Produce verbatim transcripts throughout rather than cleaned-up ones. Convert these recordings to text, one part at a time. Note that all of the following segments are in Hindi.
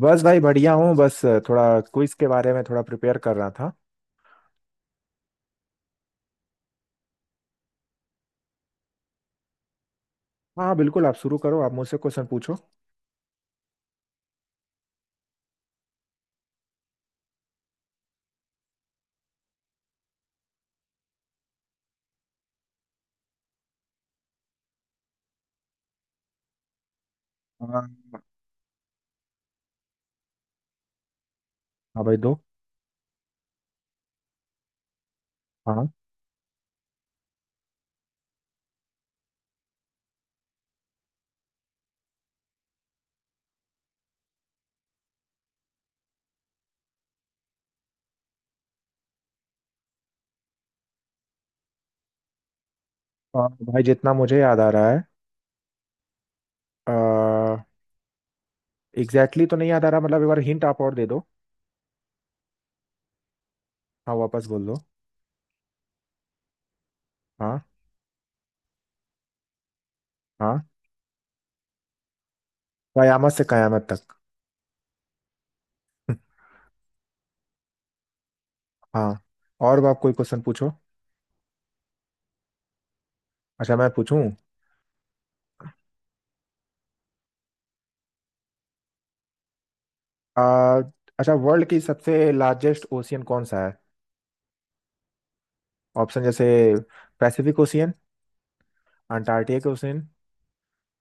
बस भाई, बढ़िया हूँ। बस थोड़ा क्विज के बारे में थोड़ा प्रिपेयर कर रहा था। हाँ बिल्कुल, आप शुरू करो, आप मुझसे क्वेश्चन पूछो। हाँ। हाँ भाई, दो। हाँ। आ, भाई, जितना मुझे याद आ रहा है, एग्जैक्टली exactly तो नहीं याद आ रहा। मतलब एक बार हिंट आप और दे दो। हाँ, वापस बोल दो। हाँ। हाँ, कयामत से कयामत तक। हाँ। और आप कोई क्वेश्चन पूछो। अच्छा, मैं पूछूं? आ, अच्छा, वर्ल्ड की सबसे लार्जेस्ट ओशियन कौन सा है? ऑप्शन जैसे, Pacific Ocean, Antarctic Ocean,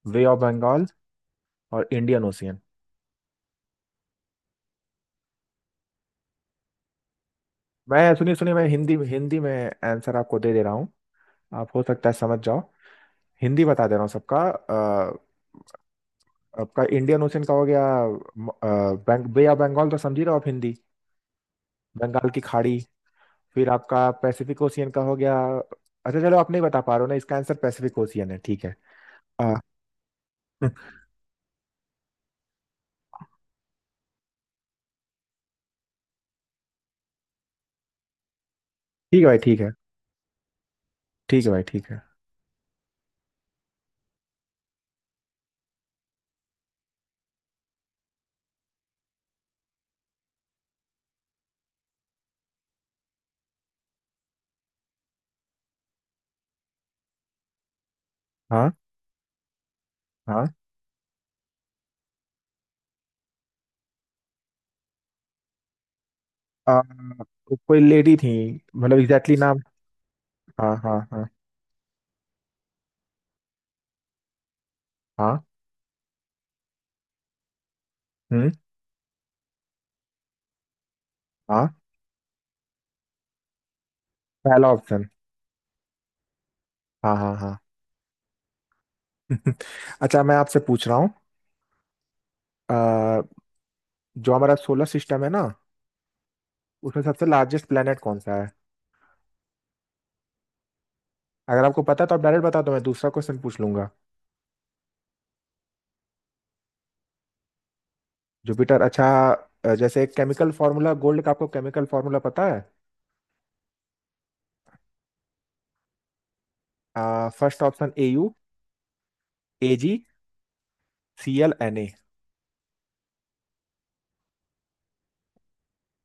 Bay of Bengal, और इंडियन ओशियन। मैं, सुनिए सुनिए, मैं हिंदी हिंदी में आंसर आपको दे दे रहा हूँ। आप हो सकता है समझ जाओ। हिंदी बता दे रहा हूँ सबका अ, आपका इंडियन ओशन का हो गया। म- अ, बंग, बे ऑफ बंगाल तो समझ ही रहे हो आप, हिंदी बंगाल की खाड़ी। फिर आपका पैसिफिक ओशियन का हो गया। अच्छा चलो, आप नहीं बता पा रहे हो ना, इसका आंसर पैसिफिक ओशियन है, ठीक है। अ, ठीक है भाई, ठीक है। ठीक है भाई, ठीक है। हाँ। हाँ। आ, कोई लेडी थी, मतलब एग्जैक्टली नाम। हाँ, हाँ, हाँ। हाँ। हम्म। हाँ। पहला ऑप्शन। हाँ, हाँ, हाँ। अच्छा, मैं आपसे पूछ रहा हूँ। अ, जो हमारा सोलर सिस्टम है ना, उसमें सबसे लार्जेस्ट प्लेनेट कौन सा है? अगर आपको पता है तो आप डायरेक्ट बता दो, मैं दूसरा क्वेश्चन पूछ लूंगा। जुपिटर। अच्छा। अ, जैसे एक केमिकल फार्मूला गोल्ड का, आपको केमिकल फार्मूला पता है? First option A U, A G, C L N A.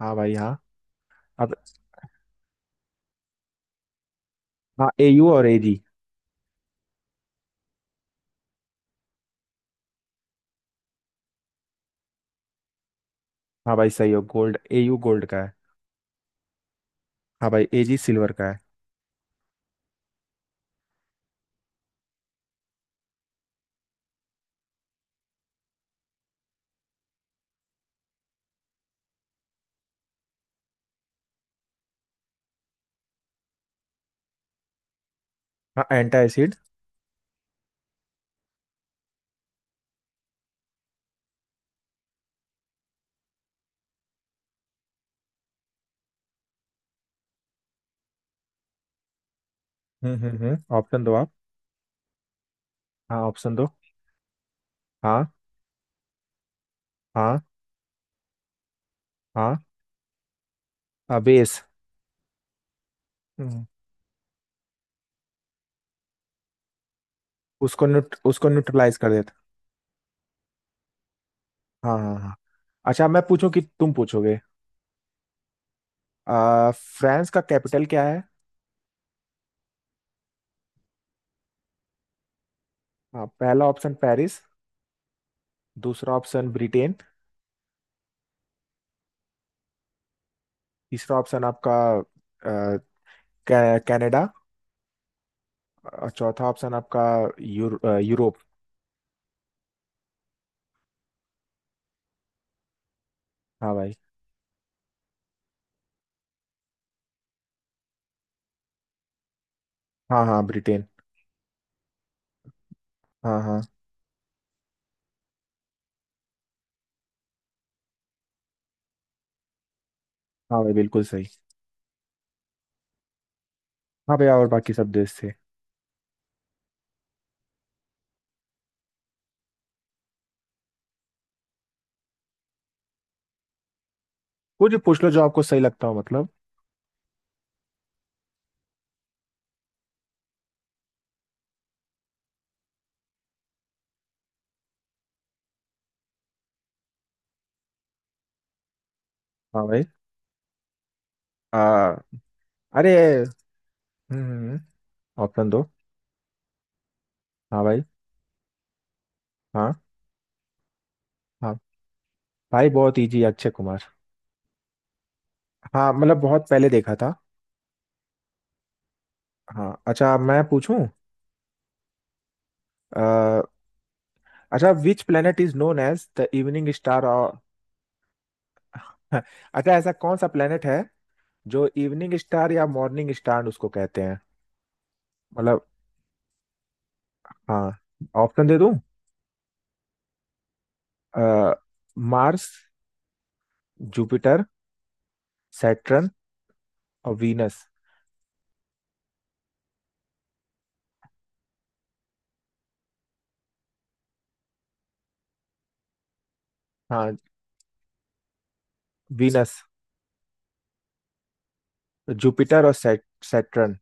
हाँ भाई, हाँ। अब, हाँ, ए यू और ए जी। हाँ भाई, सही हो। गोल्ड, ए यू गोल्ड का है। हाँ भाई, ए जी सिल्वर का है। हाँ, एंटा एसिड। हम्म, हम्म, हम्म, ऑप्शन दो आप। हाँ, ऑप्शन दो। हाँ, हाँ, हाँ। बेस। उसको न्यूट, उसको न्यूट्रलाइज कर देता। हाँ, हाँ, हाँ। अच्छा, मैं पूछूं कि तुम पूछोगे? आ, फ्रांस का कैपिटल क्या है? हाँ, पहला ऑप्शन पेरिस। दूसरा ऑप्शन ब्रिटेन। तीसरा ऑप्शन आपका, आ, कै- कनाडा। और चौथा ऑप्शन आपका, यूर, आ, यूरोप। हाँ भाई। हाँ, हाँ ब्रिटेन। हाँ। हाँ हाँ भाई, बिल्कुल सही। हाँ भैया, और बाकी सब देश थे। कुछ भी पूछ लो जो आपको सही लगता हो, मतलब। हाँ भाई। आ, अरे। हम्म। ऑप्शन दो। हाँ भाई। हाँ हाँ भाई, बहुत इजी है, अक्षय कुमार। हाँ, मतलब बहुत पहले देखा था। हाँ। अच्छा, मैं पूछूं। अ, अच्छा, which planet is known as the evening star और... अच्छा, ऐसा कौन सा planet है जो इवनिंग स्टार या मॉर्निंग स्टार उसको कहते हैं? मतलब। हाँ। ऑप्शन दे दूं? आ, मार्स, जुपिटर, सैटर्न, और वीनस। हाँ, वीनस। जुपिटर और सैट सैटर्न।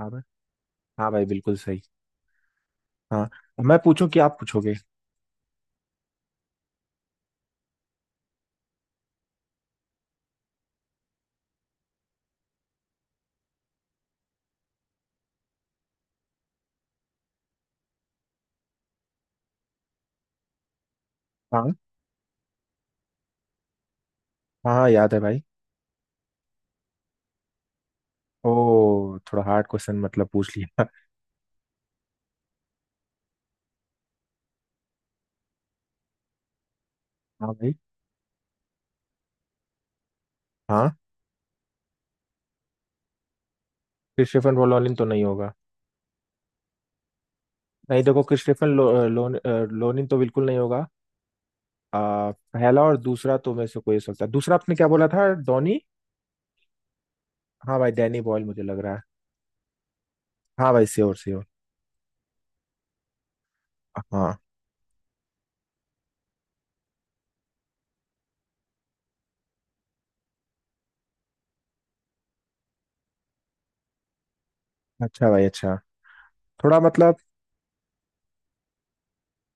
हाँ भाई। हाँ भाई, बिल्कुल सही। हाँ। मैं पूछूं कि आप पूछोगे? हाँ। हाँ, हाँ याद है भाई। ओ, थोड़ा हार्ड क्वेश्चन मतलब पूछ लिया। हाँ भाई। हाँ। क्रिस्टोफर लोनिन तो नहीं होगा? नहीं देखो, क्रिस्टोफर लो, लोन, अ, लोनिन तो बिल्कुल नहीं होगा। आ, पहला और दूसरा तो मेरे से कोई हो सकता है। दूसरा आपने क्या बोला था, डॉनी? हाँ भाई, डैनी बॉयल मुझे लग रहा है। हाँ भाई, श्योर श्योर। हाँ। अच्छा भाई, अच्छा। थोड़ा मतलब।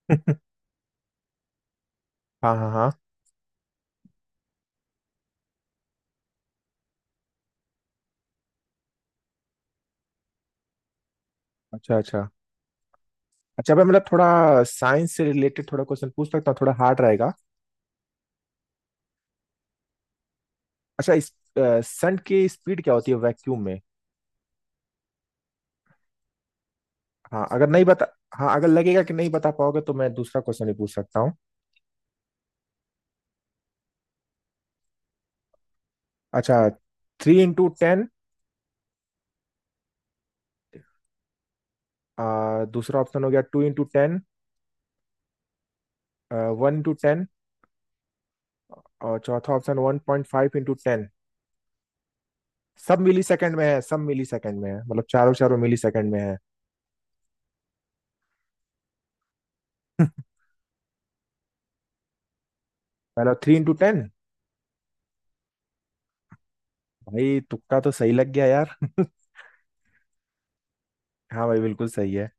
हाँ, हाँ, हाँ। अच्छा, अच्छा। अच्छा भाई, मतलब थोड़ा साइंस से रिलेटेड थोड़ा क्वेश्चन पूछ सकता हूँ, थोड़ा हार्ड रहेगा। अच्छा, इस सन की स्पीड क्या होती है वैक्यूम में? हाँ, अगर नहीं बता। हाँ, अगर लगेगा कि नहीं बता पाओगे तो मैं दूसरा क्वेश्चन भी पूछ सकता हूँ। अच्छा। Three into ten. दूसरा ऑप्शन हो गया, two into ten. One into ten. और चौथा option one point five into ten. सब मिली सेकेंड में है, सब मिली सेकेंड में है, मतलब चारों चारों मिली सेकेंड में है। पहला, थ्री इंटू टेन। भाई, तुक्का तो सही लग गया यार। हाँ भाई, बिल्कुल सही है।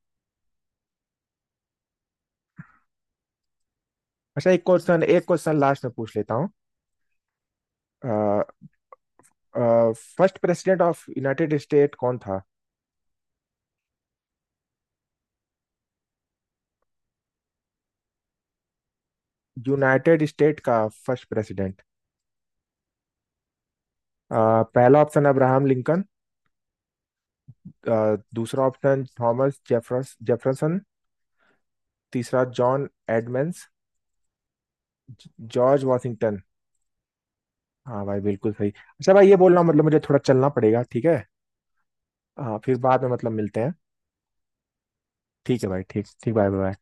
अच्छा, एक क्वेश्चन एक क्वेश्चन लास्ट में पूछ लेता हूँ। First president of United State कौन था? यूनाइटेड स्टेट का फर्स्ट प्रेसिडेंट। पहला ऑप्शन अब्राहम लिंकन। अ, दूसरा ऑप्शन थॉमस जेफरस जेफरसन। तीसरा जॉन एडमंड्स। George Washington. हाँ भाई, बिल्कुल सही। अच्छा भाई, ये बोल रहा हूँ, मतलब मुझे थोड़ा चलना पड़ेगा, ठीक है। हाँ, फिर बाद में मतलब मिलते हैं। ठीक है भाई, ठीक ठीक, बाय बाय।